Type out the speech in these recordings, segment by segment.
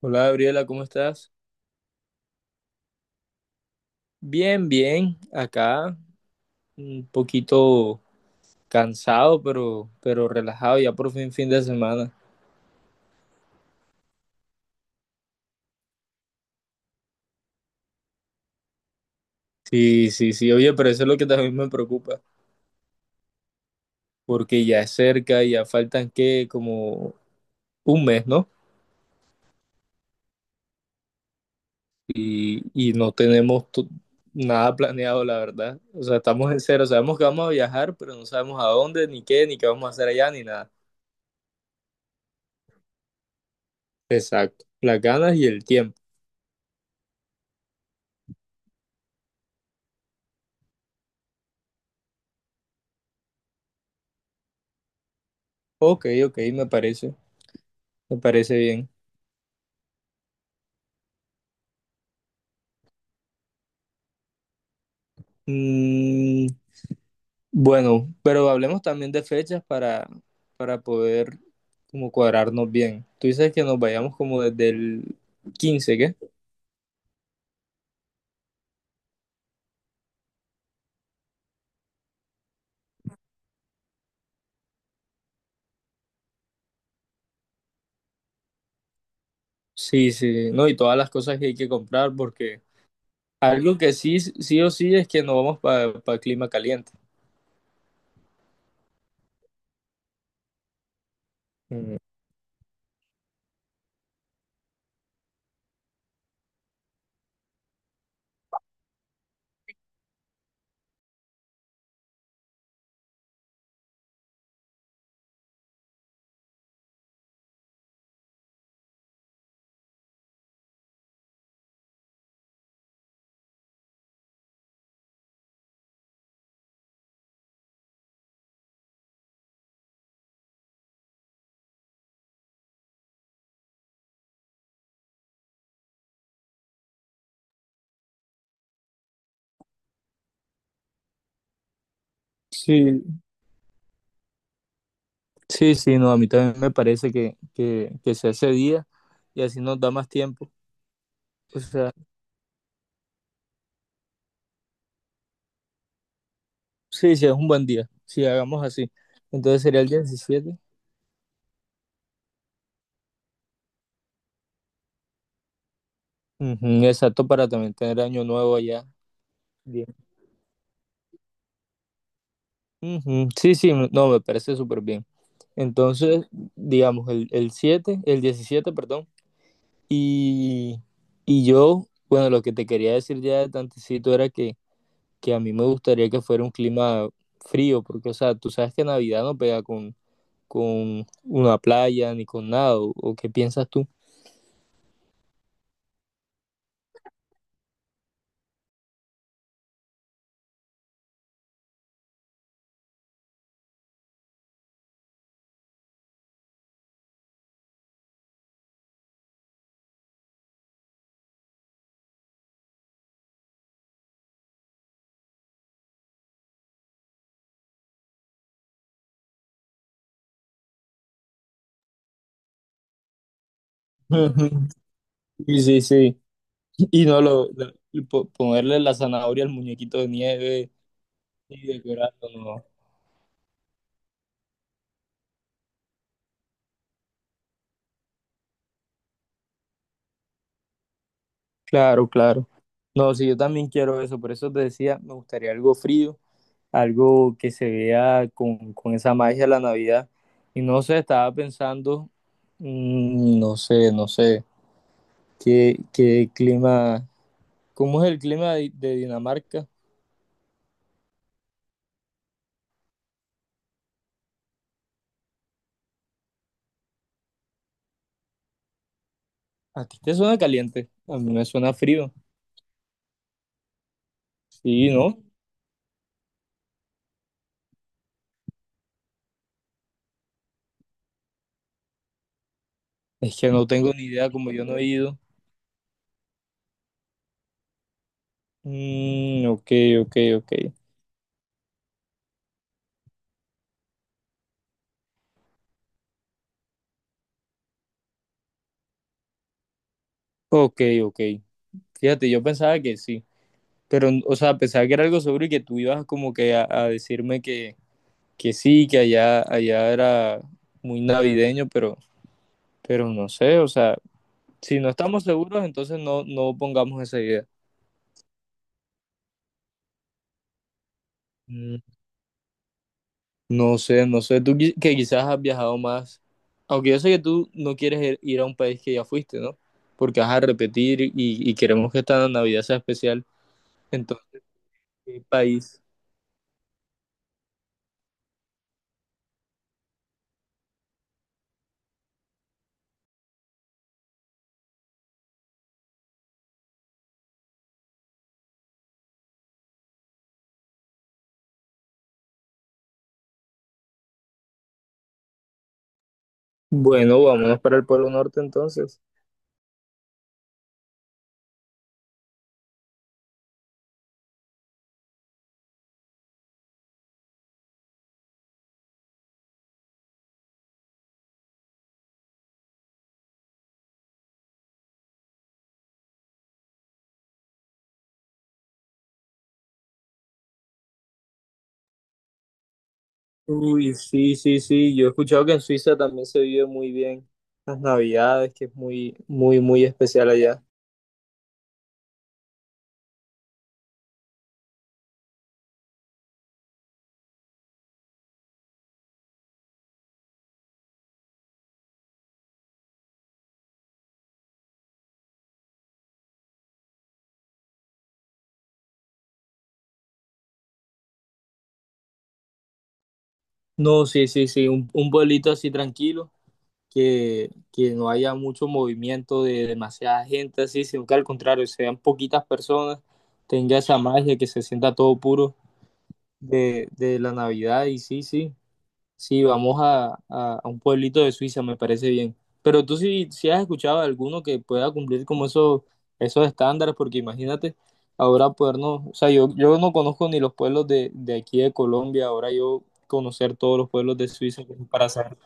Hola Gabriela, ¿cómo estás? Bien, bien, acá un poquito cansado, pero relajado, ya por fin fin de semana. Sí, sí, sí, oye, pero eso es lo que también me preocupa, porque ya es cerca, ya faltan que como un mes, ¿no? Y no tenemos nada planeado, la verdad. O sea, estamos en cero, sabemos que vamos a viajar, pero no sabemos a dónde, ni qué vamos a hacer allá, ni nada. Exacto, las ganas y el tiempo. Ok, ok, me parece bien. Mm, Bueno, pero hablemos también de fechas para poder como cuadrarnos bien. Tú dices que nos vayamos como desde el 15, ¿qué? Sí, sí, no, y todas las cosas que hay que comprar porque algo que sí, sí o sí es que no vamos para clima caliente. Mm. Sí, sí, sí, no, a mí también me parece que sea ese día y así nos da más tiempo. O sea, sí, sí, es un buen día, si hagamos así. Entonces sería el 17. Ujú, exacto, para también tener año nuevo allá. Ujú, sí, sí, no, me parece súper bien. Entonces, digamos, el 7 el 17 perdón, y, y yo, bueno, lo que te quería decir ya de tantecito era que, a mí me gustaría que fuera un clima frío, porque, o sea, tú sabes que Navidad no pega con una playa ni con nada, ¿o qué piensas tú? Ujú, sí, sí, sí. Y no ponerle la zanahoria al muñequito de nieve y decorarlo, no. Claro, claro. No, sí, yo también quiero eso, por eso te decía, me gustaría algo frío, algo que se vea con, esa magia de la Navidad. Y no sé, estaba pensando, no sé, no sé, qué clima, ¿cómo es el clima de Dinamarca? ¿A ti te suena caliente? A mí me suena frío. Sí, ¿no? Es que no tengo ni idea, como yo no he ido. Ok, ok, ok. Ok, ok. Fíjate, yo pensaba que sí. Pero, o sea, pensaba que era algo seguro y que tú ibas como que a decirme que sí, que allá, allá era muy navideño, pero no sé, o sea, si no estamos seguros, entonces no, no pongamos esa idea. Mm, No sé, no sé, tú que quizás has viajado más, aunque yo sé que tú no quieres ir a un país que ya fuiste, ¿no? Porque vas a repetir y queremos que esta Navidad sea especial. Entonces, ¿qué país? Bueno, vámonos para el Polo Norte entonces. Uy, sí, sí, sí. Yo he escuchado que en Suiza también se vive muy bien las Navidades, que es muy, muy, muy especial allá. No, sí, sí, sí. Un pueblito así tranquilo, que no haya mucho movimiento de demasiada gente, así, sino que al contrario, sean poquitas personas, tenga esa magia, que se sienta todo puro de, la Navidad. Y sí, sí. Sí, vamos a un pueblito de Suiza, me parece bien. Pero tú sí, sí has escuchado de alguno que pueda cumplir como esos, estándares, porque imagínate, ahora podernos, o sea, yo, no conozco ni los pueblos de aquí de Colombia, ahora yo conocer todos los pueblos de Suiza como para saber.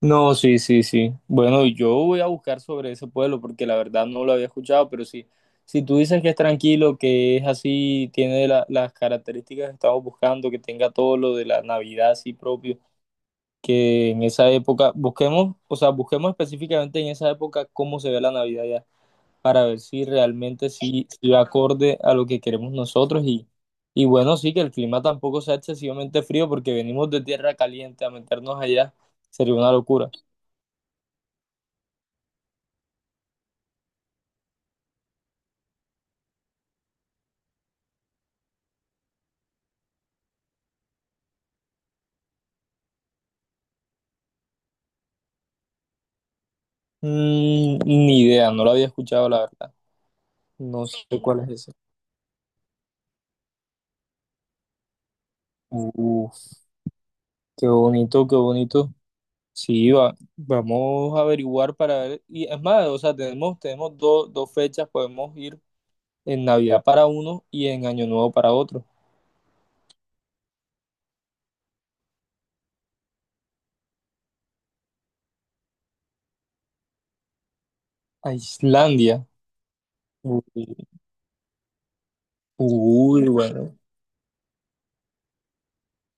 No, sí, sí, sí. Bueno, yo voy a buscar sobre ese pueblo porque la verdad no lo había escuchado, pero sí, si tú dices que es tranquilo, que es así, tiene las características que estamos buscando, que tenga todo lo de la Navidad así propio. Que en esa época busquemos, o sea, busquemos específicamente en esa época cómo se ve la Navidad ya, para ver si realmente sí, sí va acorde a lo que queremos nosotros y bueno, sí que el clima tampoco sea excesivamente frío porque venimos de tierra caliente a meternos allá, sería una locura. Ni idea, no lo había escuchado la verdad, no sé cuál es ese. Uf, qué bonito, qué bonito. Sí, vamos a averiguar para ver. Y es más, o sea, tenemos, tenemos dos fechas, podemos ir en Navidad para uno y en Año Nuevo para otro. A Islandia. Uy, uy, bueno.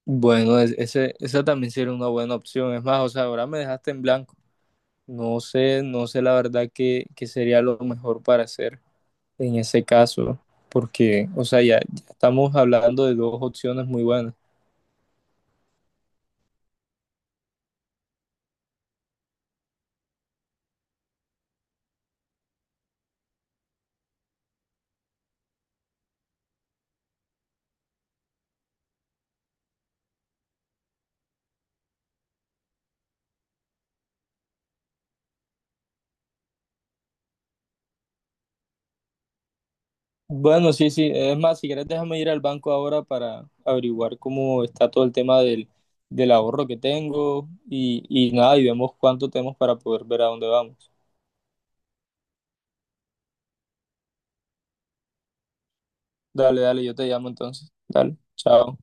Bueno, ese, esa también sería una buena opción. Es más, o sea, ahora me dejaste en blanco. No sé, no sé la verdad qué, sería lo mejor para hacer en ese caso, porque, o sea, ya estamos hablando de dos opciones muy buenas. Bueno, sí, sí. Es más, si quieres, déjame ir al banco ahora para averiguar cómo está todo el tema del ahorro que tengo y nada, y vemos cuánto tenemos para poder ver a dónde vamos. Dale, dale, yo te llamo entonces. Dale, chao.